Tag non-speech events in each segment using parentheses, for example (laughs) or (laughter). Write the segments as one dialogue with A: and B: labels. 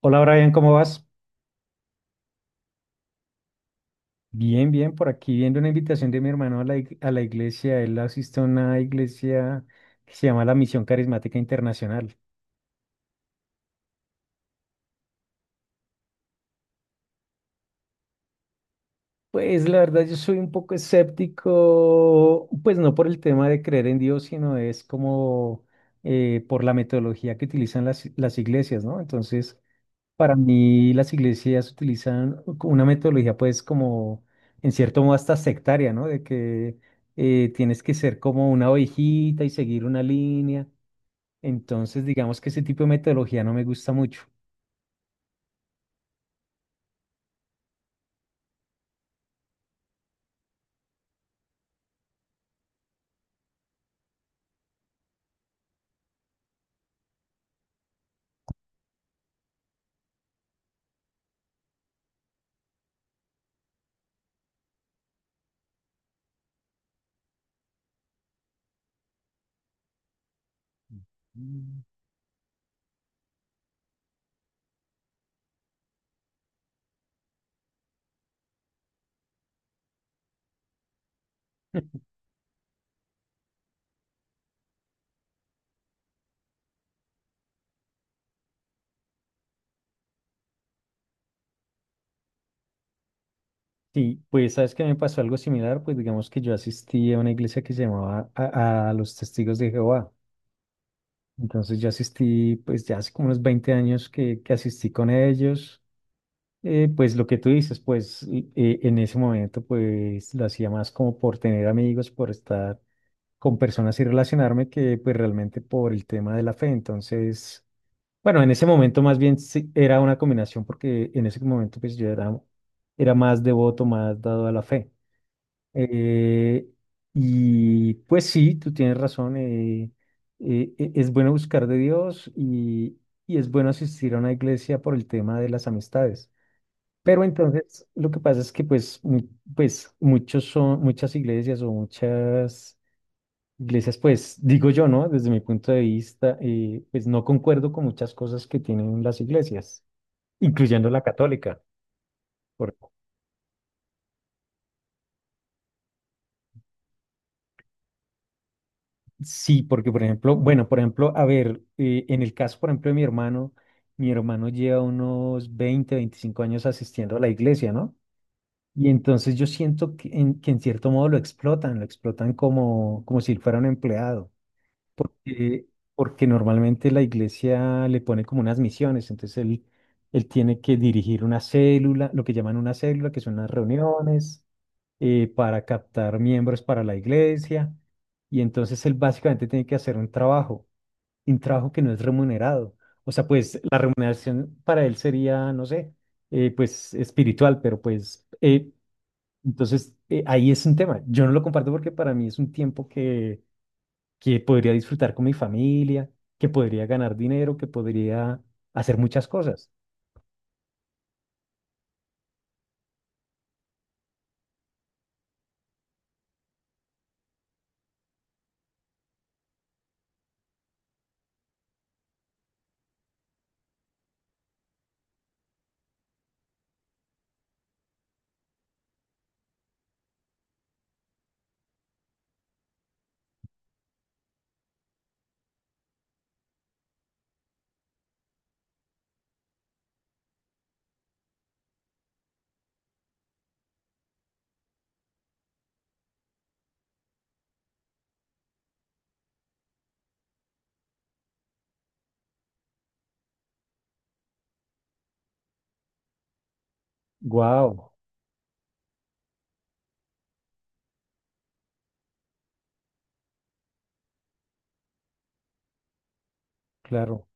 A: Hola Brian, ¿cómo vas? Bien, bien, por aquí viendo una invitación de mi hermano a la iglesia. Él asiste a una iglesia que se llama la Misión Carismática Internacional. Pues la verdad yo soy un poco escéptico, pues no por el tema de creer en Dios, sino es como por la metodología que utilizan las iglesias, ¿no? Entonces, para mí las iglesias utilizan una metodología pues como en cierto modo hasta sectaria, ¿no? De que tienes que ser como una ovejita y seguir una línea. Entonces digamos que ese tipo de metodología no me gusta mucho. Mm. Sí, pues sabes que me pasó algo similar, pues digamos que yo asistí a una iglesia que se llamaba a los Testigos de Jehová. Entonces yo asistí pues ya hace como unos 20 años que asistí con ellos. Pues lo que tú dices, pues en ese momento pues lo hacía más como por tener amigos, por estar con personas y relacionarme que pues realmente por el tema de la fe. Entonces, bueno, en ese momento más bien sí era una combinación porque en ese momento pues yo era más devoto, más dado a la fe. Eh, y pues sí, tú tienes razón, es bueno buscar de Dios y es bueno asistir a una iglesia por el tema de las amistades. Pero entonces lo que pasa es que pues, pues muchos son, muchas iglesias o muchas iglesias, pues digo yo, ¿no? Desde mi punto de vista, pues no concuerdo con muchas cosas que tienen las iglesias, incluyendo la católica. Por- sí, porque por ejemplo, bueno, por ejemplo, a ver, en el caso, por ejemplo, de mi hermano lleva unos 20 25 años asistiendo a la iglesia, ¿no? Y entonces yo siento que que en cierto modo lo explotan como si él fuera un empleado. eh, Porque normalmente la iglesia le pone como unas misiones, entonces él tiene que dirigir una célula, lo que llaman una célula, que son las reuniones para captar miembros para la iglesia, y entonces él básicamente tiene que hacer un trabajo, y un trabajo que no es remunerado. O sea, pues la remuneración para él sería, no sé, pues espiritual, pero pues entonces ahí es un tema. Yo no lo comparto porque para mí es un tiempo que podría disfrutar con mi familia, que podría ganar dinero, que podría hacer muchas cosas. Wow, claro,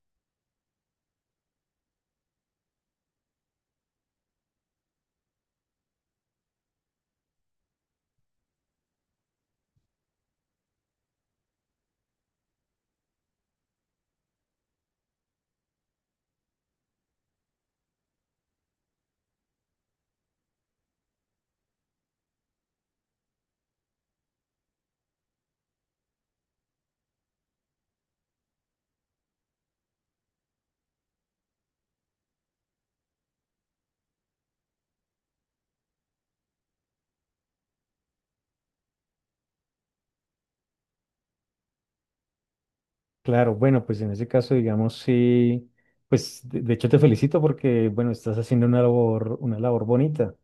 A: claro. Bueno, pues en ese caso, digamos, sí, pues de hecho te felicito porque, bueno, estás haciendo una labor bonita.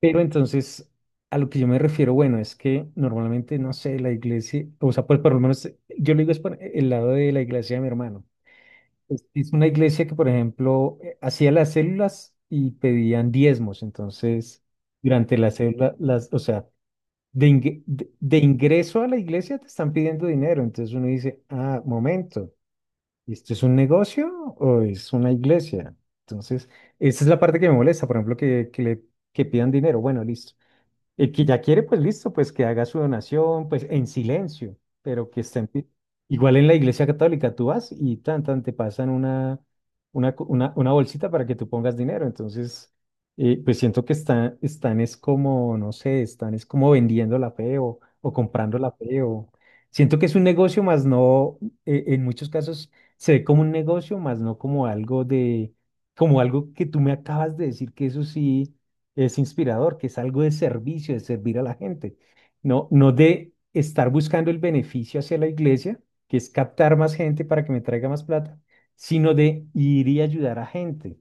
A: Pero entonces, a lo que yo me refiero, bueno, es que normalmente, no sé, la iglesia, o sea, pues por lo menos yo le digo es por el lado de la iglesia de mi hermano. Es una iglesia que, por ejemplo, hacía las células y pedían diezmos. Entonces, durante la célula, o sea, de ingreso a la iglesia te están pidiendo dinero. Entonces uno dice, ah, momento, ¿esto es un negocio o es una iglesia? Entonces, esa es la parte que me molesta, por ejemplo, que pidan dinero. Bueno, listo. El que ya quiere, pues listo, pues que haga su donación, pues en silencio, pero que estén. Igual en la iglesia católica tú vas y tan te pasan una bolsita para que tú pongas dinero. Entonces, pues siento que están es como, no sé, están es como vendiendo la fe o comprando la fe o. Siento que es un negocio, más no, en muchos casos se ve como un negocio, más no como algo de, como algo que tú me acabas de decir que eso sí es inspirador, que es algo de servicio, de servir a la gente, no, no de estar buscando el beneficio hacia la iglesia, que es captar más gente para que me traiga más plata, sino de ir y ayudar a gente.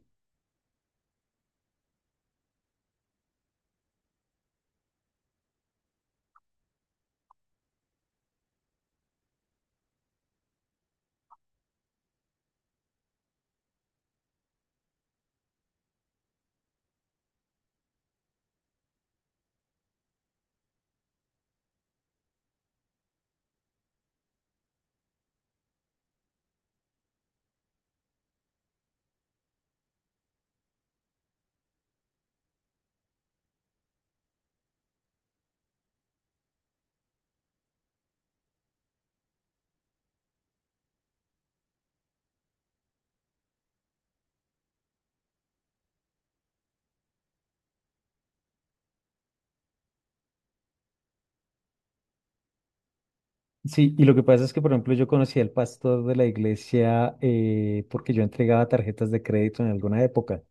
A: Sí, y lo que pasa es que, por ejemplo, yo conocí al pastor de la iglesia porque yo entregaba tarjetas de crédito en alguna época.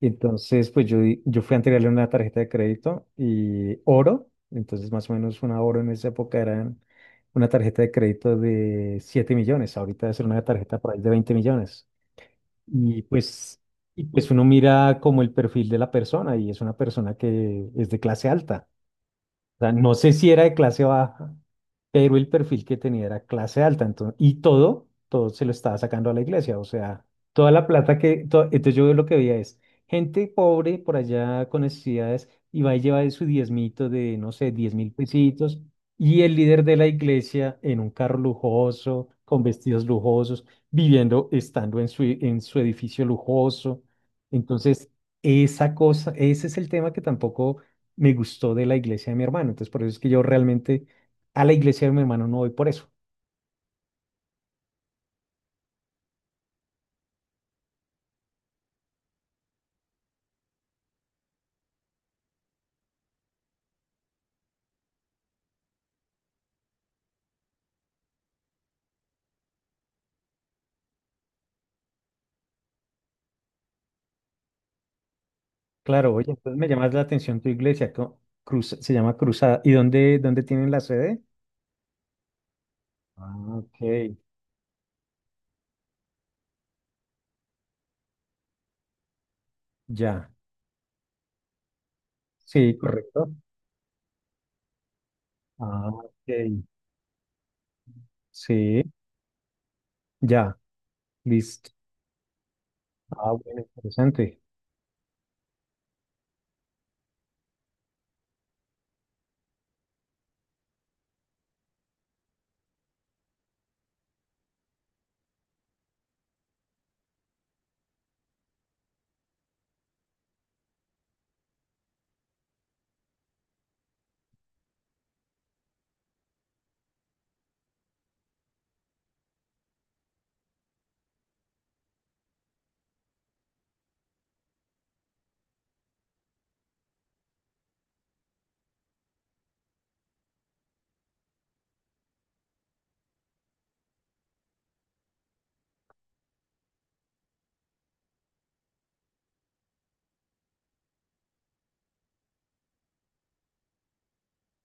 A: Y entonces, pues yo, yo fui a entregarle una tarjeta de crédito y oro, entonces más o menos una oro en esa época eran una tarjeta de crédito de 7 millones, ahorita debe ser una tarjeta por ahí de 20 millones. Y pues, y pues uno mira como el perfil de la persona y es una persona que es de clase alta. O sea, no sé si era de clase baja, pero el perfil que tenía era clase alta. Entonces, y todo se lo estaba sacando a la iglesia. O sea, toda la plata que. Entonces yo lo que veía es gente pobre por allá con necesidades y va y lleva de su diezmito de, no sé, 10.000 pesitos. Y el líder de la iglesia en un carro lujoso, con vestidos lujosos, viviendo, estando en su edificio lujoso. Entonces, esa cosa, ese es el tema que tampoco me gustó de la iglesia de mi hermano. Entonces, por eso es que yo realmente a la iglesia de mi hermano no voy por eso. Claro, oye, entonces me llamas la atención tu iglesia, cruz, se llama Cruzada. ¿Y dónde tienen la sede? Ah, ok, ya. Sí, correcto. Ah, ok. Sí, ya, listo. Ah, bueno, interesante.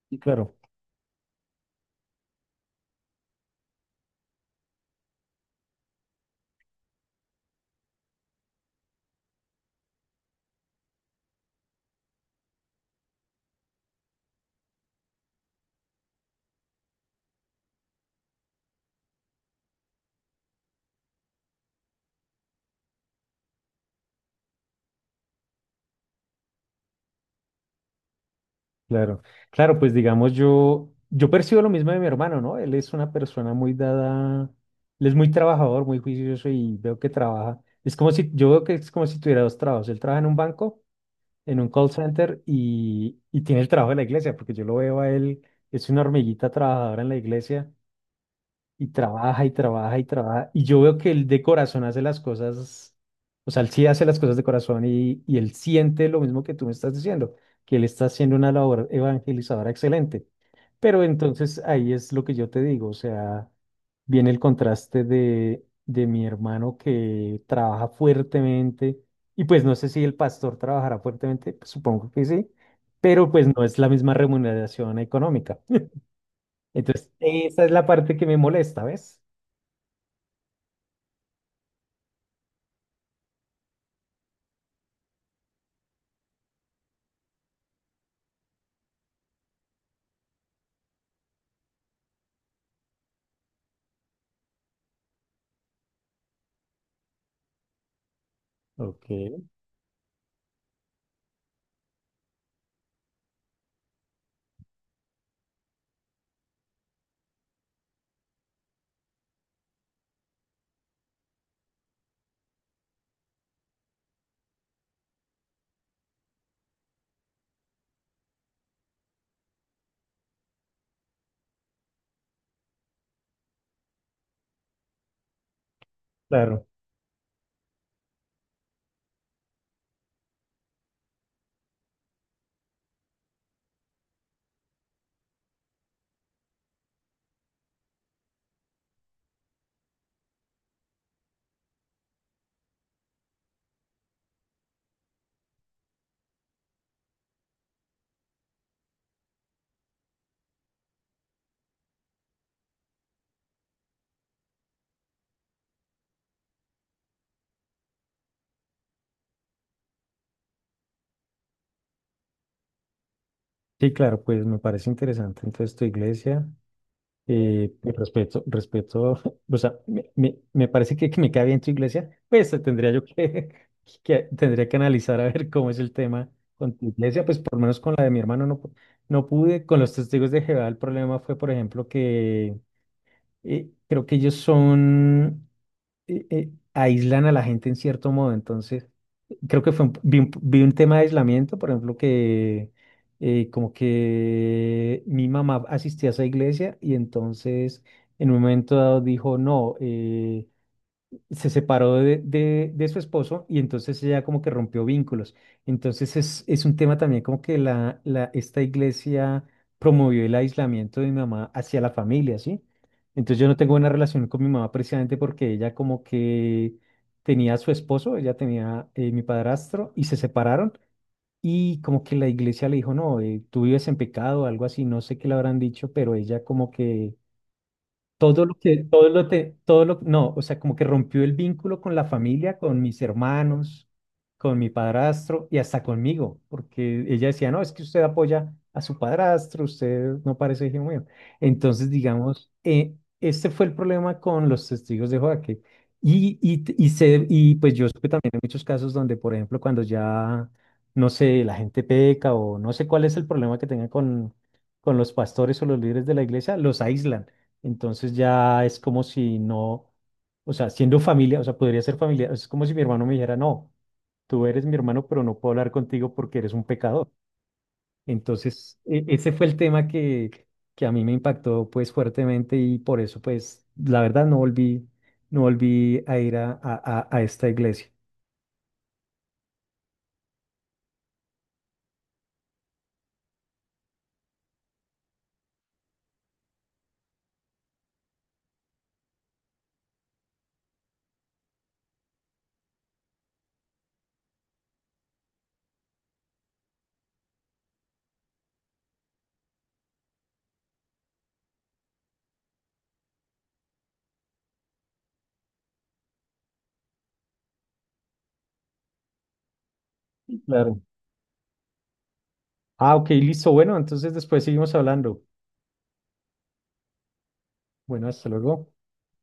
A: Sí, claro. Claro, claro, pues digamos yo percibo lo mismo de mi hermano, ¿no? Él es una persona muy dada, él es muy trabajador, muy juicioso y veo que trabaja. Es como si, Yo veo que es como si tuviera dos trabajos. Él trabaja en un banco, en un call center y tiene el trabajo de la iglesia, porque yo lo veo a él, es una hormiguita trabajadora en la iglesia y trabaja y trabaja y trabaja. Y yo veo que él de corazón hace las cosas, o sea, él sí hace las cosas de corazón y él siente lo mismo que tú me estás diciendo, que él está haciendo una labor evangelizadora excelente. Pero entonces ahí es lo que yo te digo, o sea, viene el contraste de mi hermano que trabaja fuertemente y pues no sé si el pastor trabajará fuertemente, pues, supongo que sí, pero pues no es la misma remuneración económica. (laughs) Entonces, esa es la parte que me molesta, ¿ves? Ok, claro. Sí, claro, pues me parece interesante. Entonces, tu iglesia, pues, respeto, respeto, (laughs) o sea, me parece que me cae bien tu iglesia, pues (laughs) tendría que analizar a ver cómo es el tema con tu iglesia, pues por lo menos con la de mi hermano no, no pude, con los testigos de Jehová el problema fue, por ejemplo, que creo que ellos son, aíslan a la gente en cierto modo. Entonces, creo que fue vi un tema de aislamiento, por ejemplo, que como que mi mamá asistía a esa iglesia y entonces en un momento dado dijo, no, se separó de su esposo y entonces ella como que rompió vínculos. Entonces es un tema también como que esta iglesia promovió el aislamiento de mi mamá hacia la familia, ¿sí? Entonces yo no tengo buena relación con mi mamá precisamente porque ella como que tenía a su esposo, ella tenía mi padrastro y se separaron y como que la iglesia le dijo, no, tú vives en pecado algo así, no sé qué le habrán dicho, pero ella como que, todo lo te, todo lo, no, o sea, como que rompió el vínculo con la familia, con mis hermanos, con mi padrastro y hasta conmigo, porque ella decía, no, es que usted apoya a su padrastro, usted no parece hijo mío. Entonces, digamos, este fue el problema con los testigos de Jehová, que- y, se, y pues yo supe también en muchos casos donde, por ejemplo, cuando ya, no sé, la gente peca o no sé cuál es el problema que tengan con los pastores o los líderes de la iglesia, los aíslan entonces ya es como si no, o sea, siendo familia, o sea, podría ser familia, es como si mi hermano me dijera, no, tú eres mi hermano, pero no puedo hablar contigo porque eres un pecador. Entonces, ese fue el tema que a mí me impactó pues fuertemente y por eso pues la verdad no volví a ir a esta iglesia. Claro. Ah, ok, listo. Bueno, entonces después seguimos hablando. Bueno, hasta luego.